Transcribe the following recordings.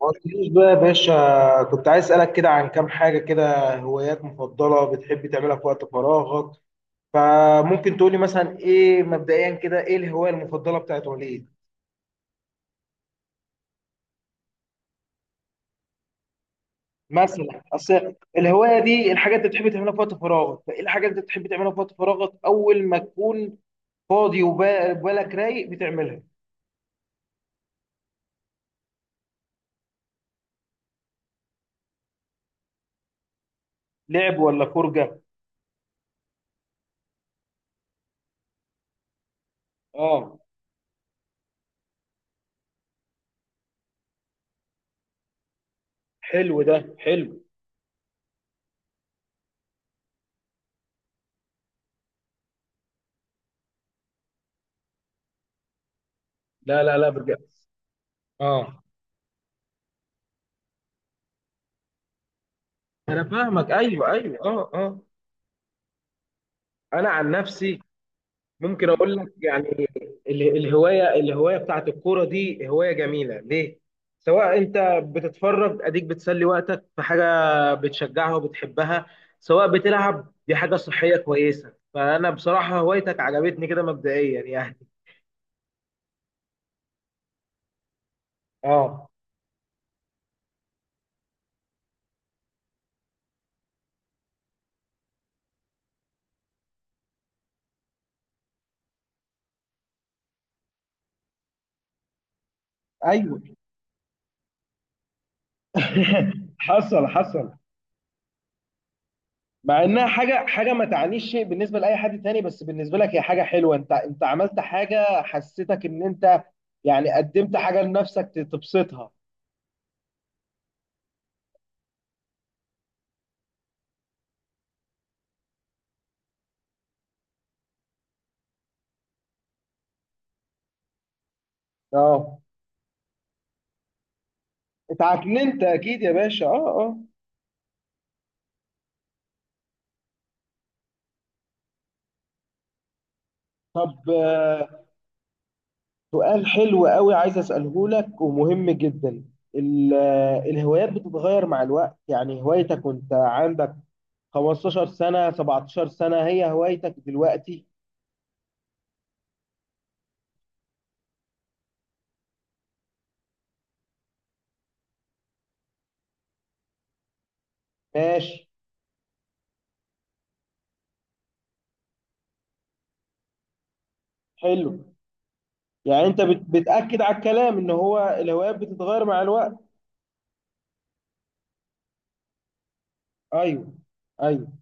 ما قلتليش بقى يا باشا. كنت عايز اسألك كده عن كام حاجة كده، هوايات مفضلة بتحب تعملها في وقت فراغك. فممكن تقولي مثلا ايه مبدئيا كده، ايه الهواية المفضلة بتاعت وليد؟ مثلا اصل الهواية دي الحاجات اللي بتحب تعملها في وقت فراغك، فايه الحاجات اللي بتحب تعملها في وقت فراغك اول ما تكون فاضي وبالك رايق بتعملها. لعب ولا فرجة؟ اه. حلو، ده حلو. لا لا لا، بجد. اه. انا فاهمك، ايوه ايوه. اه اه. انا عن نفسي، ممكن اقول لك يعني الهوايه، الهوايه بتاعت الكوره دي هوايه جميله ليه. سواء انت بتتفرج اديك بتسلي وقتك في حاجه بتشجعها وبتحبها، سواء بتلعب، دي حاجه صحيه كويسه، فانا بصراحه هوايتك عجبتني كده مبدئيا يعني. اه. ايوه. حصل حصل. مع انها حاجه حاجه ما تعنيش شيء بالنسبه لاي حد تاني، بس بالنسبه لك هي حاجه حلوه. انت عملت حاجه، حسيتك ان انت يعني قدمت حاجه لنفسك تبسطها. اه، اتعكننت اكيد يا باشا. اه اه. طب سؤال حلو قوي عايز اساله لك ومهم جدا. الهوايات بتتغير مع الوقت، يعني هوايتك وانت عندك 15 سنة، 17 سنة، هي هوايتك دلوقتي؟ ماشي. حلو. يعني انت بتأكد على الكلام ان هو الهوايات بتتغير مع الوقت. ايوه. ايوه.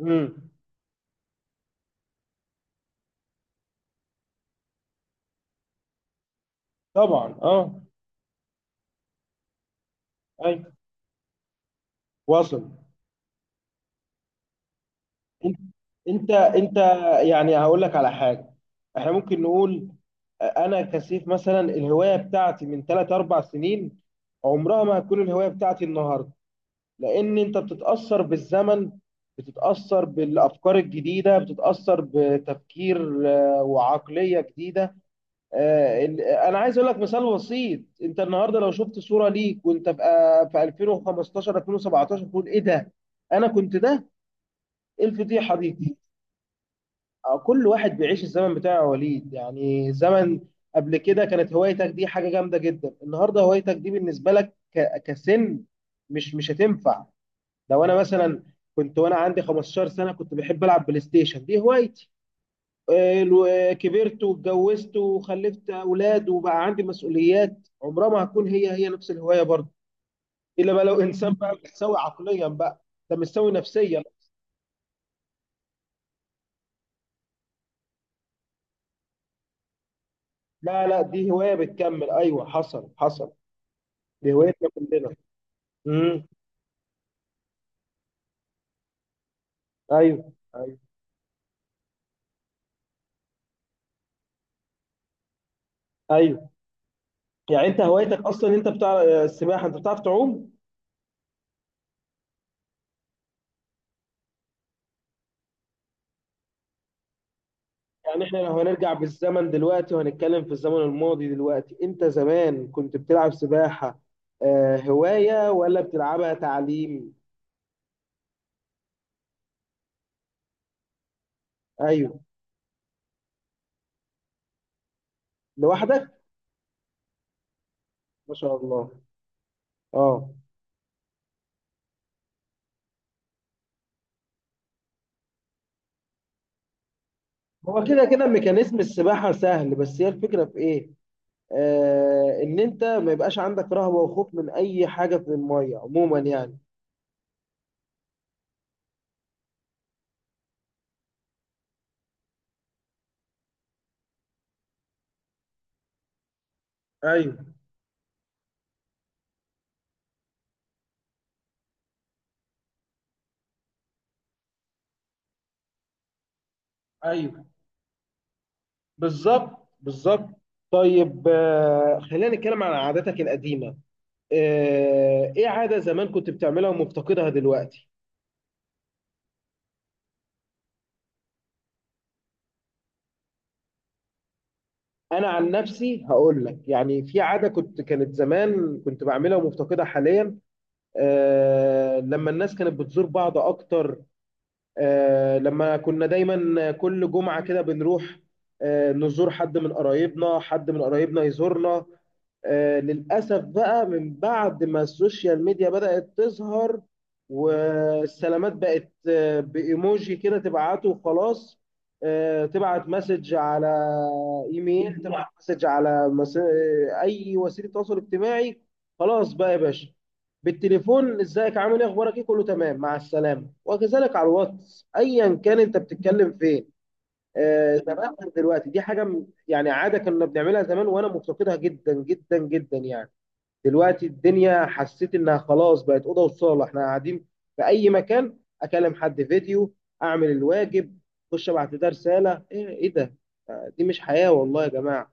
امم طبعا. اه. ايوه. واصل. انت انت يعني هقول لك على حاجه، احنا ممكن نقول انا كسيف مثلا الهوايه بتاعتي من 3 4 سنين عمرها ما هتكون الهوايه بتاعتي النهارده، لان انت بتتاثر بالزمن، بتتاثر بالافكار الجديده، بتتاثر بتفكير وعقليه جديده. انا عايز اقول لك مثال بسيط. انت النهارده لو شفت صوره ليك وانت في في 2015، 2017 تقول ايه ده؟ انا كنت ده؟ ايه الفضيحه دي؟ كل واحد بيعيش الزمن بتاعه يا وليد. يعني زمن قبل كده كانت هوايتك دي حاجة جامدة جدا، النهاردة هوايتك دي بالنسبة لك كسن مش هتنفع. لو انا مثلا كنت وانا عندي 15 سنة كنت بحب العب بلاي ستيشن، دي هوايتي. كبرت واتجوزت وخلفت اولاد وبقى عندي مسؤوليات، عمرها ما هتكون هي نفس الهواية برضه، الا بقى لو انسان بقى متساوي عقليا بقى. ده مش سوي نفسيا. لا لا، دي هواية بتكمل، ايوه حصل حصل. دي هوايتنا كلنا. ايوه ايوه ايوه. يعني انت هوايتك اصلا انت بتاع السباحه، انت بتعرف تعوم. يعني احنا لو هنرجع بالزمن دلوقتي وهنتكلم في الزمن الماضي دلوقتي، انت زمان كنت بتلعب سباحه هوايه ولا بتلعبها تعليم؟ ايوه. لوحدك؟ ما شاء الله. اه. هو كده كده ميكانيزم السباحه سهل، بس هي الفكره في ايه؟ آه، ان انت ما يبقاش عندك رهبه وخوف من اي حاجه في الميه عموما يعني. ايوه ايوه، بالظبط بالظبط. طيب خلينا نتكلم عن عاداتك القديمة. ايه عادة زمان كنت بتعملها ومفتقدها دلوقتي؟ انا عن نفسي هقول لك يعني في عادة كنت كانت زمان كنت بعملها ومفتقدها حاليا. لما الناس كانت بتزور بعض اكتر، لما كنا دايما كل جمعة كده بنروح نزور حد من قرايبنا، حد من قرايبنا يزورنا. للأسف بقى من بعد ما السوشيال ميديا بدأت تظهر، والسلامات بقت بإيموجي كده تبعته وخلاص. تبعت مسج على إيميل، تبعت مسج على مس... آه، أي وسيلة تواصل اجتماعي. خلاص بقى يا باشا، بالتليفون ازيك عامل ايه اخبارك ايه كله تمام مع السلامة، وكذلك على الواتس ايا كان انت بتتكلم فين. زمان غير دلوقتي. دي حاجه يعني عاده كنا بنعملها زمان وانا مفتقدها جدا جدا جدا يعني. دلوقتي الدنيا حسيت انها خلاص بقت اوضه وصاله احنا قاعدين في اي مكان، اكلم حد فيديو، اعمل الواجب، اخش ابعت لده رساله ايه ايه ده. دي مش حياه والله يا جماعه.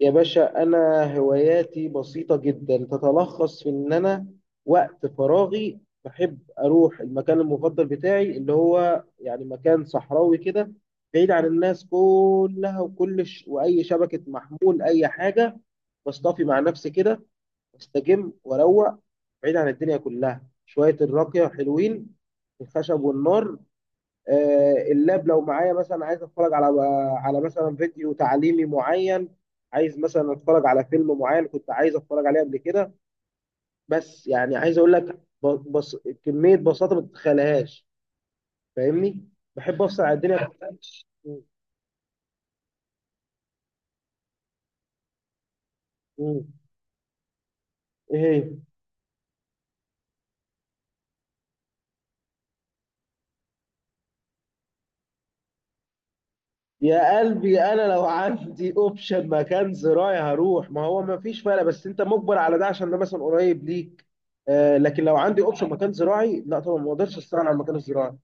يا باشا، أنا هواياتي بسيطة جدا، تتلخص في إن أنا وقت فراغي بحب أروح المكان المفضل بتاعي، اللي هو يعني مكان صحراوي كده بعيد عن الناس كلها وكل وأي شبكة محمول أي حاجة. بصطفي مع نفسي كده، واستجم وأروق بعيد عن الدنيا كلها شوية. الراقية حلوين، الخشب والنار. اللاب لو معايا مثلا، عايز اتفرج على مثلا فيديو تعليمي معين، عايز مثلا اتفرج على فيلم معين كنت عايز اتفرج عليه قبل كده. بس يعني عايز اقول لك بص، كمية بساطة ما تتخيلهاش. فاهمني؟ بحب افصل على الدنيا كلها. م- م. ايه هي؟ يا قلبي، انا لو عندي اوبشن مكان زراعي هروح، ما هو ما فيش فرق، بس انت مجبر على ده عشان ده مثلا قريب ليك. لكن لو عندي اوبشن مكان زراعي، لا طبعا ما اقدرش استغنى عن المكان الزراعي.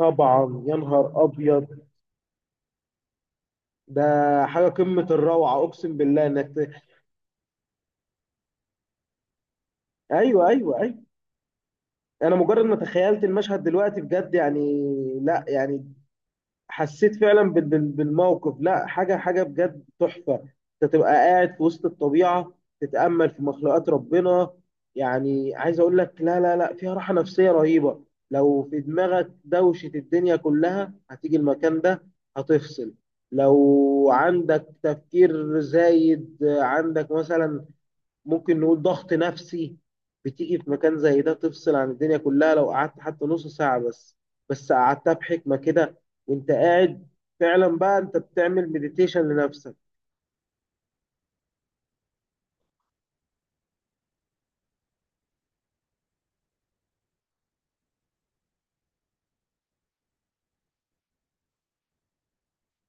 طبعا يا نهار ابيض، ده حاجه قمه الروعه، اقسم بالله انك ت... ايوه ايوه ايوه. انا مجرد ما تخيلت المشهد دلوقتي بجد يعني. لا يعني حسيت فعلا بالموقف. لا حاجه، حاجه بجد تحفه. انت تبقى قاعد في وسط الطبيعه، تتامل في مخلوقات ربنا. يعني عايز اقول لك لا لا لا، فيها راحه نفسيه رهيبه. لو في دماغك دوشه الدنيا كلها، هتيجي المكان ده هتفصل. لو عندك تفكير زايد، عندك مثلا ممكن نقول ضغط نفسي، بتيجي في مكان زي ده تفصل عن الدنيا كلها. لو قعدت حتى نص ساعة بس، بس قعدتها بحكمة كده وانت قاعد، فعلا بقى انت بتعمل مديتيشن لنفسك.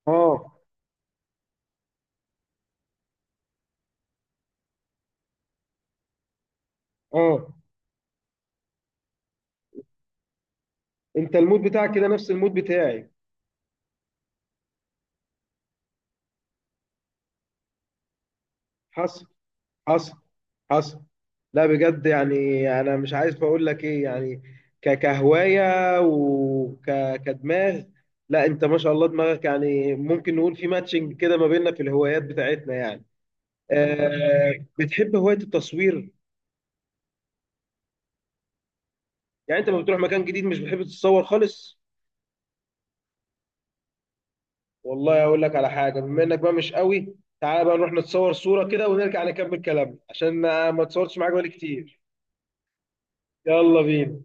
اه. اه. انت المود بتاعك كده نفس المود بتاعي. حصل حصل حصل. لا بجد يعني انا مش عايز اقول لك ايه يعني. كهوايه وكدماغ، لا انت ما شاء الله دماغك يعني، ممكن نقول في ماتشنج كده ما بيننا في الهوايات بتاعتنا يعني. آه، بتحب هواية التصوير؟ يعني انت لما بتروح مكان جديد مش بتحب تتصور خالص. والله اقول لك على حاجه، بما انك بقى مش قوي، تعالى بقى نروح نتصور صوره كده ونرجع نكمل كلامنا عشان ما اتصورتش معاك بقالي كتير. يلا بينا.